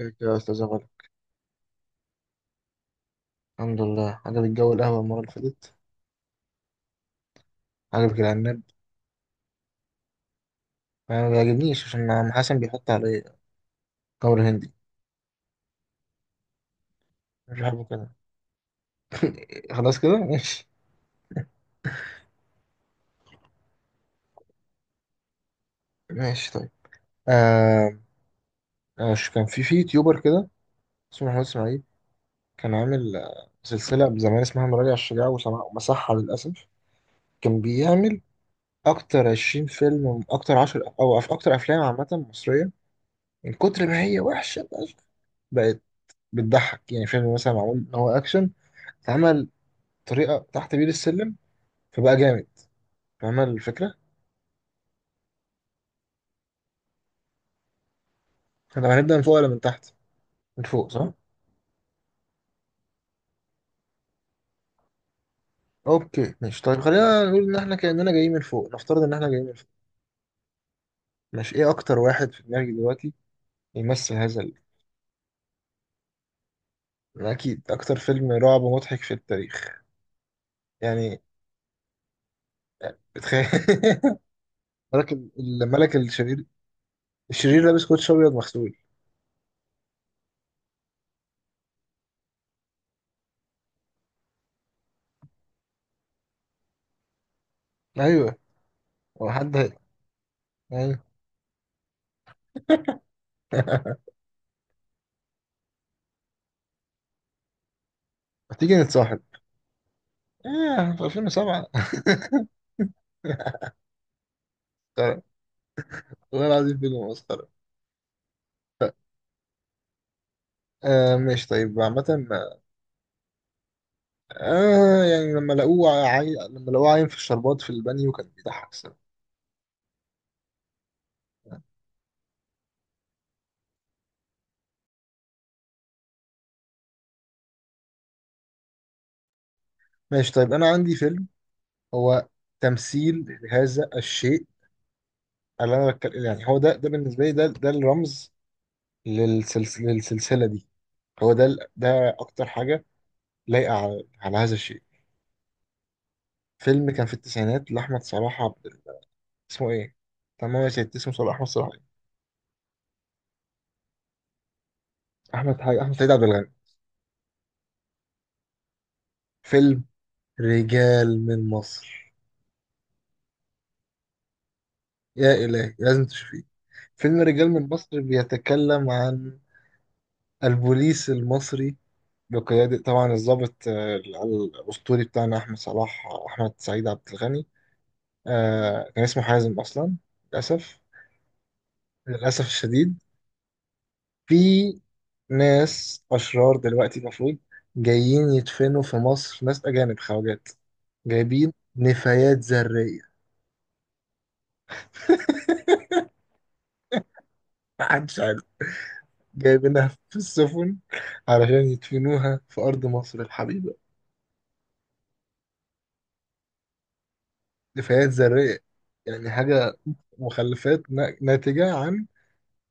ازيك يا استاذ غالي. الحمد لله. عجبك جو القهوه المره اللي فاتت؟ عجبك العناب؟ انا ما بيعجبنيش عشان عم حسن بيحط عليه تمر هندي. مش بحبه كده. خلاص كده ماشي. ماشي طيب. آه. كان في يوتيوبر كده، اسمه محمود اسماعيل. كان عامل سلسله زمان اسمها مراجع الشجاع وسماع، ومسحها للاسف. كان بيعمل اكتر 20 فيلم، اكتر 10، اكتر افلام عامه مصريه، من كتر ما هي وحشه. بقت بتضحك. يعني فيلم مثلا معمول ان هو اكشن، اتعمل طريقه تحت بير السلم، فبقى جامد. فاهمه الفكره؟ احنا هنبدا من فوق ولا من تحت؟ من فوق، صح. اوكي ماشي طيب، خلينا نقول ان احنا كاننا جايين من فوق. نفترض ان احنا جايين من فوق. ماشي، ايه اكتر واحد في دماغي دلوقتي يمثل هذا يعني اكيد اكتر فيلم رعب مضحك في التاريخ. يعني بتخيل. ملك ال- الملك الشرير، الشرير لابس كوتش ابيض مغسول. ايوه. هو حد ايوه. ما تيجي نتصاحب؟ ايه، في 2007 مسخرة. والله العظيم فيلم مسخرة. آه ماشي طيب، عامة. آه، يعني لما لقوه لما لقوه عايم في الشربات في البانيو كان بيضحك الصراحة. ماشي طيب، أنا عندي فيلم، هو تمثيل لهذا الشيء اللي أنا بتكلم. يعني هو ده بالنسبة لي، ده الرمز للسلسلة دي. هو ده أكتر حاجة لايقة على هذا الشيء. فيلم كان في التسعينات لأحمد صلاح اسمه إيه؟ تمام يا سيدي، اسمه صلاح، أحمد صلاح إيه؟ أحمد حاجة، أحمد سيد عبد الغني. فيلم رجال من مصر. يا إلهي، لازم تشوفيه. فيلم رجال من مصر بيتكلم عن البوليس المصري، بقيادة طبعا الضابط الأسطوري بتاعنا أحمد صلاح أحمد سعيد عبد الغني. كان اسمه حازم أصلا. للأسف. للأسف الشديد، في ناس أشرار دلوقتي المفروض جايين يدفنوا في مصر، ناس أجانب خواجات جايبين نفايات ذرية. محدش عارف، جايبينها في السفن علشان يدفنوها في أرض مصر الحبيبة. نفايات ذرية، يعني حاجة مخلفات ناتجة عن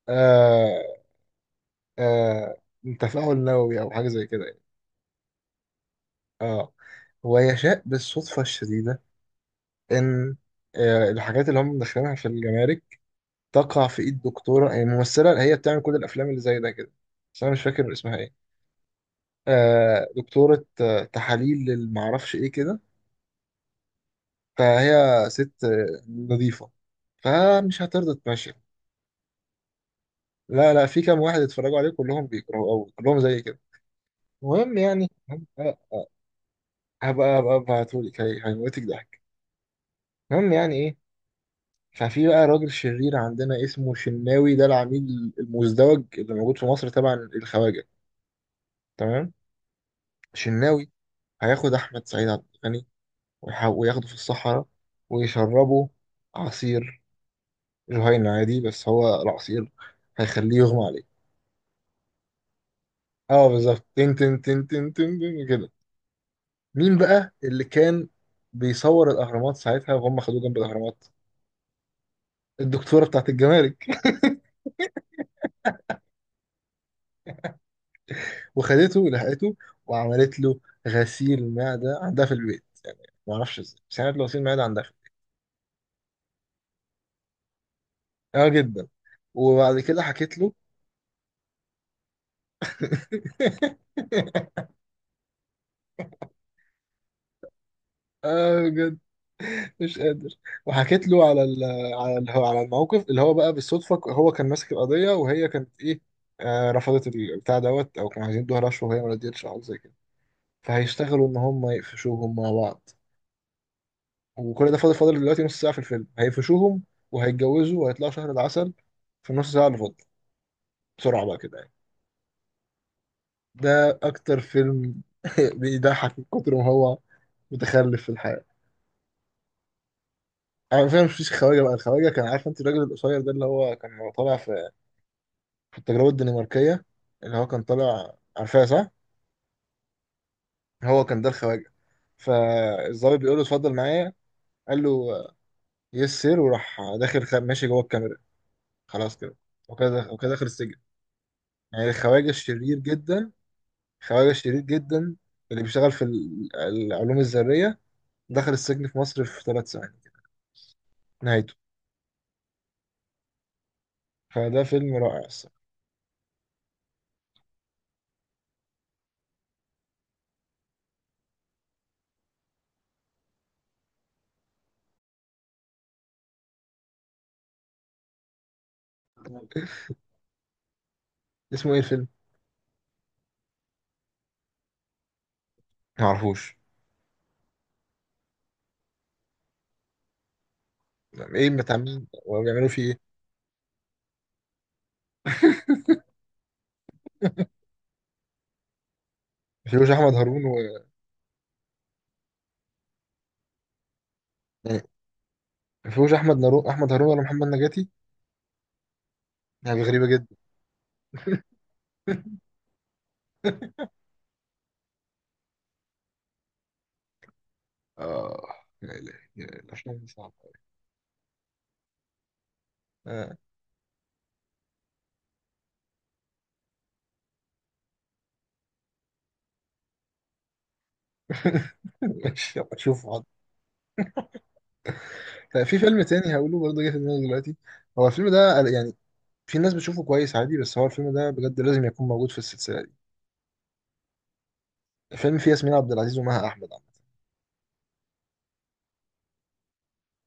آه آه تفاعل نووي أو حاجة زي كده يعني. اه، ويشاء بالصدفة الشديدة إن الحاجات اللي هم مدخلينها في الجمارك تقع في إيد دكتورة، هي ممثلة اللي هي بتعمل كل الأفلام اللي زي ده كده، بس أنا مش فاكر اسمها إيه. دكتورة تحاليل للمعرفش إيه كده. فهي ست نظيفة، فمش هترضى تمشي. لا لا، في كام واحد اتفرجوا عليه، كلهم بيكرهوا قوي كلهم زي كده. المهم يعني هبقى ابعتهولك هيموتك ضحك. المهم يعني ايه، ففي بقى راجل شرير عندنا اسمه شناوي، ده العميل المزدوج اللي موجود في مصر تبع الخواجة. تمام. شناوي هياخد احمد سعيد عبد الغني وياخده في الصحراء، ويشربه عصير جهينة عادي، بس هو العصير هيخليه يغمى عليه. اه بالظبط، تن تن تن تن تن تن كده. مين بقى اللي كان بيصور الاهرامات ساعتها وهم خدوه جنب الاهرامات؟ الدكتوره بتاعت الجمارك. وخدته ولحقته، وعملت له غسيل معده عندها في البيت. ما اعرفش ازاي، بس عملت له غسيل معده عندها في البيت. اه جدا. وبعد كده حكيت له. اه بجد، مش قادر. وحكيت له على الموقف، اللي هو بقى بالصدفه هو كان ماسك القضيه وهي كانت ايه. رفضت البتاع دوت، او كانوا عايزين يدوها رشوه وهي ما رضيتش، او حاجة زي كده. فهيشتغلوا ان هم يقفشوهم مع بعض. وكل ده فاضل فاضل دلوقتي نص ساعه في الفيلم، هيقفشوهم وهيتجوزوا وهيطلعوا شهر العسل في النص ساعه اللي فاضله، بسرعه بقى كده يعني. ده اكتر فيلم بيضحك من كتر ما هو متخلف في الحياه. انا فاهم. مفيش خواجه بقى، الخواجه كان عارف، انت الراجل القصير ده اللي هو كان طالع في التجربه الدنماركيه، اللي هو كان طالع، عارفاه صح؟ هو كان ده الخواجه. فالظابط بيقول له اتفضل معايا، قال له يس سير، وراح داخل ماشي جوه الكاميرا. خلاص كده، وكده وكده داخل السجن. يعني الخواجة الشرير جدا، الخواجة الشرير جدا اللي بيشتغل في العلوم الذرية، دخل السجن في مصر في 3 ثواني. نهايته. فده فيلم رائع الصراحة. اسمه ايه الفيلم؟ معرفوش، ايه، بتاع مين وبيعملوا فيه ايه؟ مفيهوش احمد هارون و... يعني مفيهوش احمد هارون ولا محمد نجاتي؟ يعني غريبة جدا. اه. يا إلهي، يا إلهي، الافلام دي صعبة. آه. ماشي، أبقى اشوف. طيب، في فيلم تاني هقوله برضه، جه في دماغي دلوقتي. هو الفيلم ده يعني، في ناس بتشوفه كويس عادي، بس هو الفيلم ده بجد لازم يكون موجود في السلسلة دي. الفيلم فيه ياسمين عبد العزيز ومها أحمد، عم.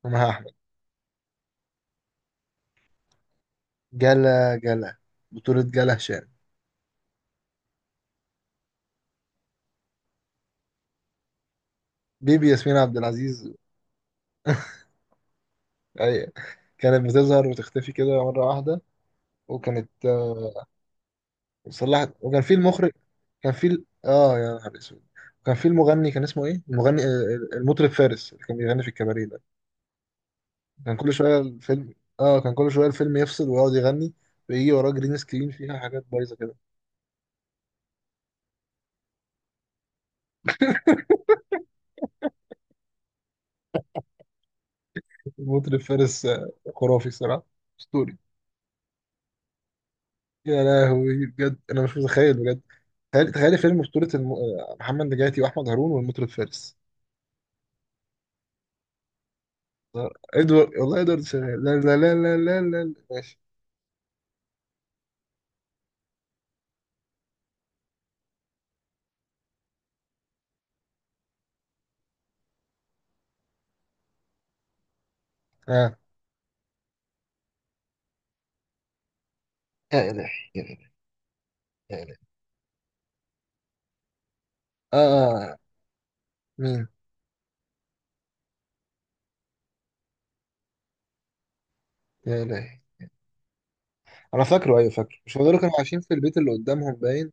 ومها أحمد. جلا جلا، بطولة جلا هشام. بيبي ياسمين عبد العزيز. أي. كانت بتظهر وتختفي كده مرة واحدة، وكانت صلحت. وكان في المخرج، كان في اه يا نهار اسود، كان في المغني، كان اسمه ايه؟ المغني المطرب فارس، اللي كان بيغني في الكباريه ده، كان كل شويه الفيلم. اه، كان كل شويه الفيلم يفصل ويقعد يغني، ويجي وراه جرين سكرين فيها حاجات بايظه كده. مطرب فارس، خرافي صراحه، اسطوري. يا لهوي، بجد انا مش متخيل بجد. تخيل تخيل فيلم بطولة الم... آه، محمد نجاتي واحمد هارون والمطرب فارس. ادوارد، والله ادوارد شغال، لا لا لا لا لا لا لا. ماشي. اه. يا الهي، يا الهي، يا الهي. اه آه، آه. مين؟ يا الهي. انا فاكره، ايوه فاكره، مش هو دول كانوا عايشين في البيت اللي قدامهم باين؟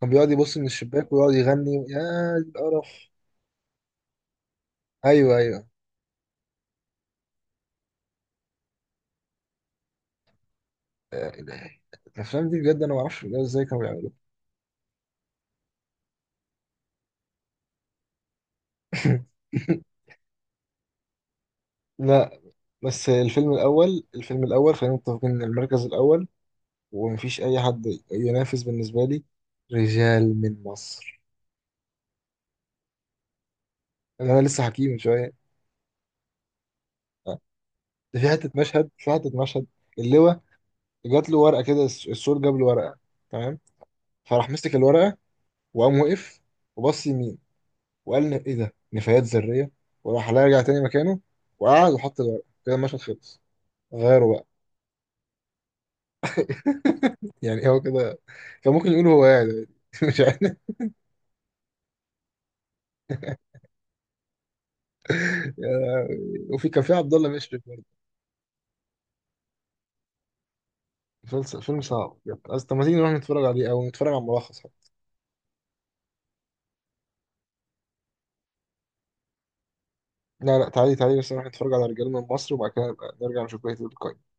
كان بيقعد يبص من الشباك ويقعد يغني، يا القرف. ايوه ايوه. لا إله. الافلام دي بجد، انا ما اعرفش بجد ازاي كانوا بيعملوها. لا، بس الفيلم الاول خلينا متفقين ان المركز الاول ومفيش اي حد ينافس بالنسبه لي، رجال من مصر، اللي انا لسه حكيه من شويه. آه. ده في حته مشهد، في حته مشهد، اللواء جات له ورقه كده، السور جاب له ورقه. تمام، فراح مسك الورقه، وقام وقف، وبص يمين، وقال له ايه ده، نفايات ذريه، وراح رجع تاني مكانه، وقعد وحط الورقه كده. المشهد خلص، غيره. يعني هو كده، كان ممكن يقول هو قاعد يعني. مش عارف. وفي كان في عبد الله مشرف برضه. فيلم صعب يعني. أصل طب ما تيجي نروح نتفرج عليه او نتفرج على ملخص حتى. لا لا، تعالي تعالي، بس نروح نتفرج على رجال من مصر، وبعد كده نبقى نرجع نشوف بقية القايمة.